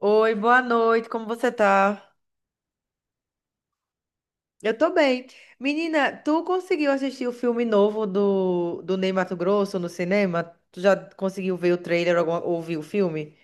Oi, boa noite, como você tá? Eu tô bem. Menina, tu conseguiu assistir o filme novo do Ney Matogrosso no cinema? Tu já conseguiu ver o trailer ou ou ouvir o filme?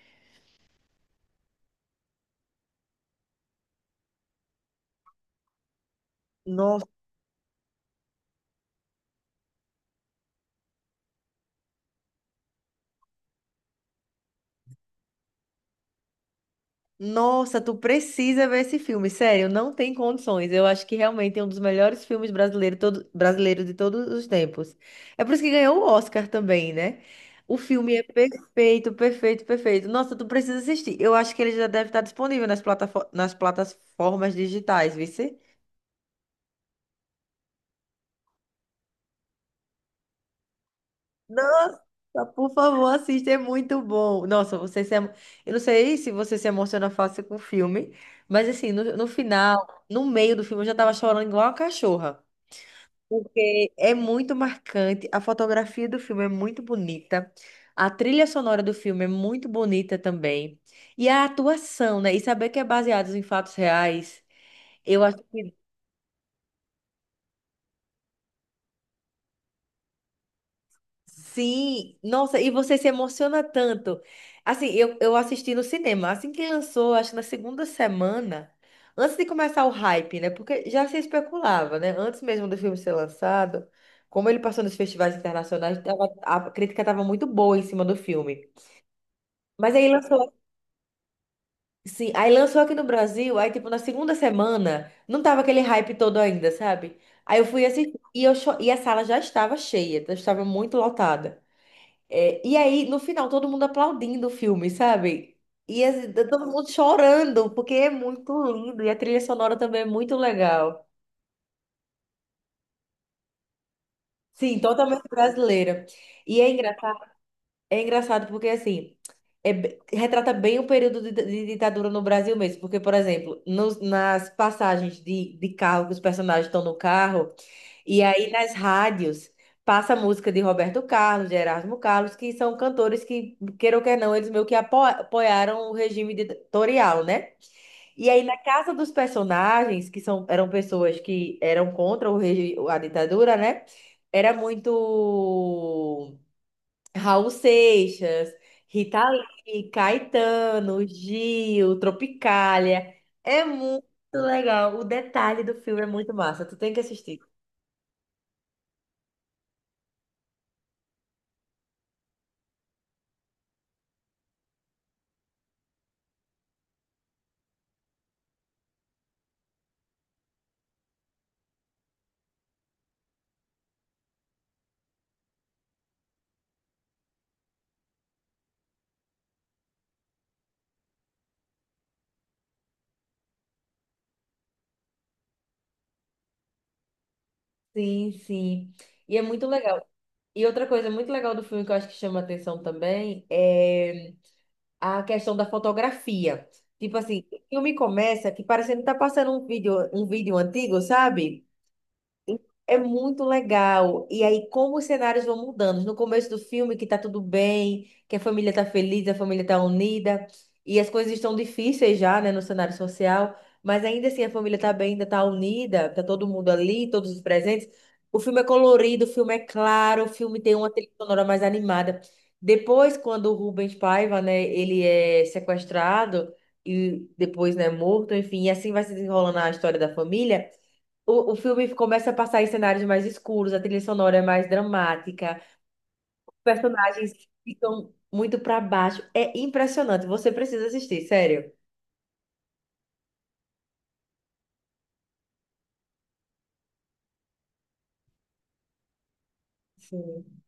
Nossa, tu precisa ver esse filme, sério, não tem condições. Eu acho que realmente é um dos melhores filmes brasileiros de todos os tempos. É por isso que ganhou o Oscar também, né? O filme é perfeito, perfeito, perfeito. Nossa, tu precisa assistir. Eu acho que ele já deve estar disponível nas plataformas digitais, vice? Nossa, por favor, assista, é muito bom. Nossa, você se eu não sei se você se emociona fácil com o filme, mas assim, no final, no meio do filme, eu já tava chorando igual uma cachorra. Porque é muito marcante, a fotografia do filme é muito bonita, a trilha sonora do filme é muito bonita também, e a atuação, né? E saber que é baseado em fatos reais, eu acho que sim. Nossa, e você se emociona tanto. Assim, eu assisti no cinema, assim que lançou, acho que na segunda semana, antes de começar o hype, né? Porque já se especulava, né? Antes mesmo do filme ser lançado, como ele passou nos festivais internacionais, tava- a crítica estava muito boa em cima do filme. Mas aí lançou, sim, aí lançou aqui no Brasil, aí tipo na segunda semana, não tava aquele hype todo ainda, sabe? Aí eu fui assistir e, eu cho- e a sala já estava cheia, já estava muito lotada. É, e aí no final todo mundo aplaudindo o filme, sabe? E assim, tá todo mundo chorando, porque é muito lindo e a trilha sonora também é muito legal. Sim, totalmente brasileira. E é engraçado. É engraçado porque, assim, é be- retrata bem o período de ditadura no Brasil mesmo. Porque, por exemplo, nas passagens de carro, que os personagens estão no carro, e aí nas rádios passa a música de Roberto Carlos, de Erasmo Carlos, que são cantores que, queira ou quer não, eles meio que apoiaram o regime ditatorial, né? E aí, na casa dos personagens, que são, eram pessoas que eram contra o a ditadura, né? Era muito. Raul Seixas, Rita Lee, Caetano, Gil, Tropicália. É muito legal. O detalhe do filme é muito massa. Tu tem que assistir. Sim, sim. E é muito legal. E outra coisa muito legal do filme que eu acho que chama atenção também é a questão da fotografia. Tipo assim, o filme começa que parecendo que tá passando um vídeo antigo, sabe? É muito legal. E aí, como os cenários vão mudando. No começo do filme, que tá tudo bem, que a família tá feliz, a família tá unida, e as coisas estão difíceis já, né, no cenário social, mas ainda assim a família tá bem, ainda tá unida, tá todo mundo ali, todos os presentes. O filme é colorido, o filme é claro, o filme tem uma trilha sonora mais animada. Depois, quando o Rubens Paiva, né, ele é sequestrado e depois, né, morto, enfim, e assim vai se desenrolando a história da família. O filme começa a passar em cenários mais escuros, a trilha sonora é mais dramática, os personagens ficam muito para baixo. É impressionante, você precisa assistir, sério. Sim.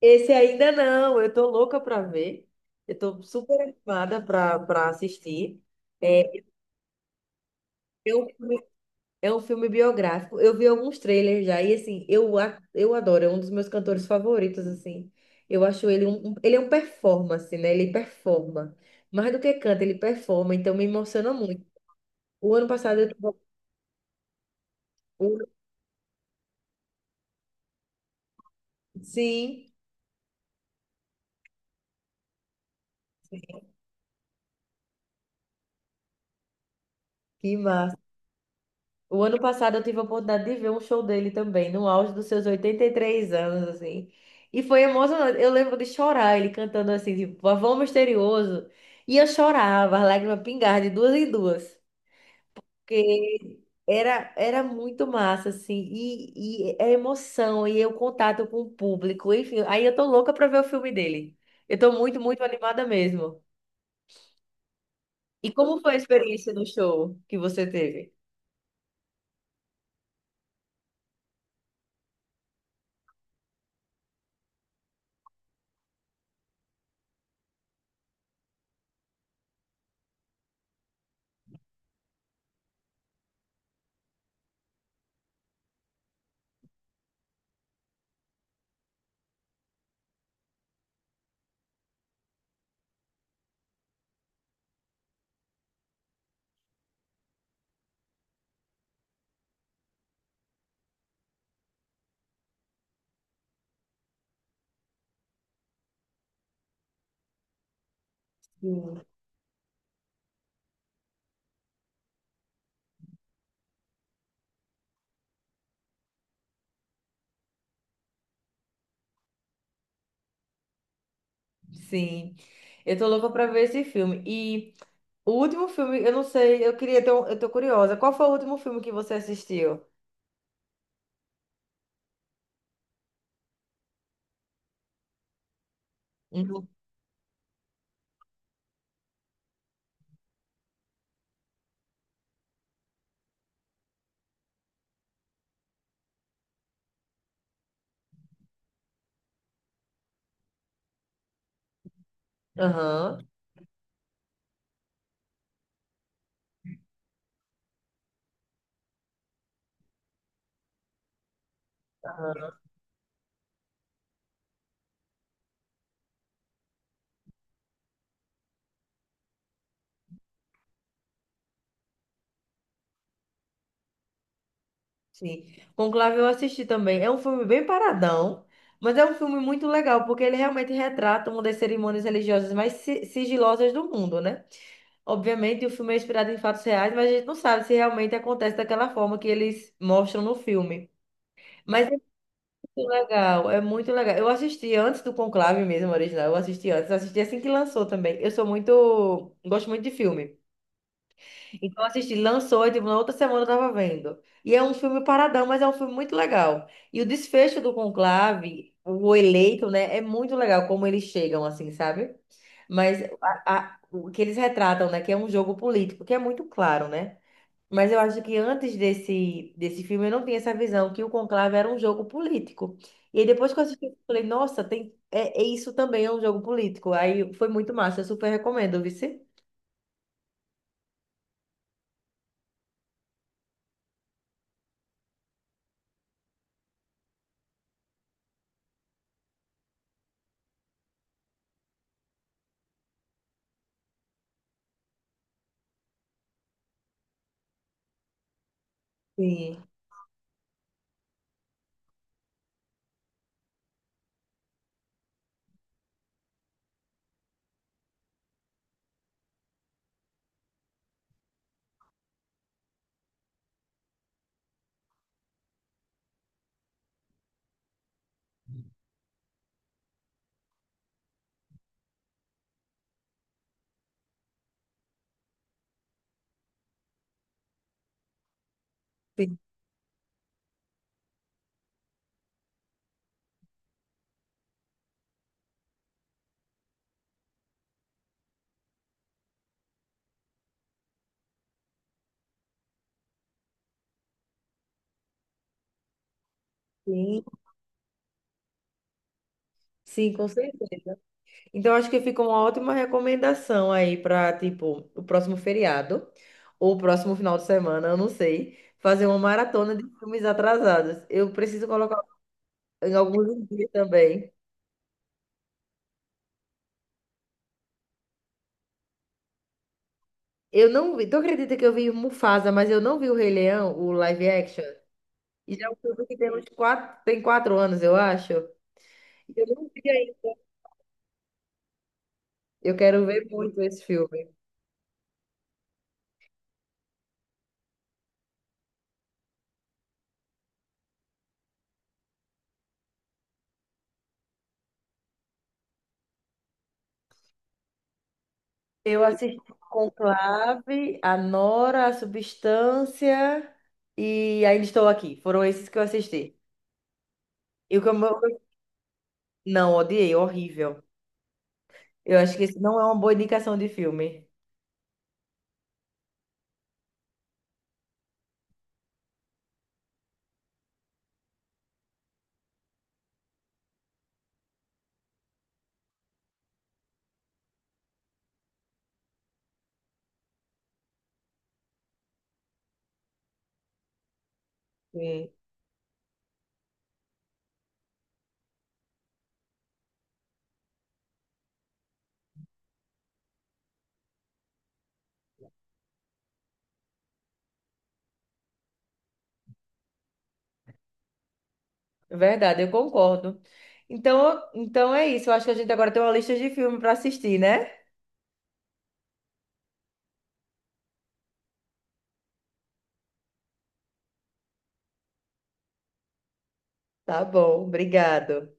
Esse ainda não, eu tô louca para ver. Eu tô super animada para assistir. É, eu É um filme biográfico. Eu vi alguns trailers já e assim, eu, a- eu adoro, é um dos meus cantores favoritos assim. Eu acho ele ele é um performance, né? Ele performa. Mais do que canta, ele performa, então me emociona muito. O ano passado eu tive, o- sim, que massa. O ano passado eu tive a oportunidade de ver um show dele também, no auge dos seus 83 anos assim. E foi emocionante. Eu lembro de chorar ele cantando assim, tipo, Pavão Misterioso. E eu chorava, as lágrimas pingavam de duas em duas. Porque era, era muito massa, assim, e é emoção, e é o contato com o público, enfim, aí eu tô louca pra ver o filme dele. Eu tô muito, muito animada mesmo. E como foi a experiência no show que você teve? Sim. Sim. Eu tô louca pra ver esse filme. E o último filme, eu não sei, eu queria ter um, eu tô curiosa. Qual foi o último filme que você assistiu? Uhum. Aham. Sim. Conclave eu assisti também. É um filme bem paradão, mas é um filme muito legal, porque ele realmente retrata uma das cerimônias religiosas mais sigilosas do mundo, né? Obviamente, o filme é inspirado em fatos reais, mas a gente não sabe se realmente acontece daquela forma que eles mostram no filme. Mas é muito legal, é muito legal. Eu assisti antes do Conclave mesmo, original. Eu assisti antes, assisti assim que lançou também. Eu sou muito, gosto muito de filme. Então eu assisti, lançou, e tipo, na outra semana eu tava vendo. E é um filme paradão, mas é um filme muito legal. E o desfecho do Conclave, o eleito, né, é muito legal como eles chegam, assim, sabe? Mas o que eles retratam, né, que é um jogo político, que é muito claro, né? Mas eu acho que antes desse filme eu não tinha essa visão que o Conclave era um jogo político. E aí depois que eu assisti, eu falei, nossa, tem, é, é isso também é um jogo político. Aí foi muito massa, eu super recomendo, viu? Sim, sim, sim. Sim, com certeza. Então, acho que fica uma ótima recomendação aí para, tipo, o próximo feriado ou o próximo final de semana, eu não sei, fazer uma maratona de filmes atrasados. Eu preciso colocar em alguns dias também. Eu não vi, tu acredita que eu vi Mufasa, mas eu não vi o Rei Leão, o live action? E já é um filme que tem uns quatro, tem 4 anos, eu acho. E eu não vi ainda. Eu quero ver muito esse filme. Eu assisti Conclave, A Nora, A Substância e Ainda Estou Aqui. Foram esses que eu assisti. E o que eu... Não, odiei, horrível. Eu acho que esse não é uma boa indicação de filme. Sim, é verdade, eu concordo. Então, então é isso. Eu acho que a gente agora tem uma lista de filme para assistir, né? Tá bom, obrigado.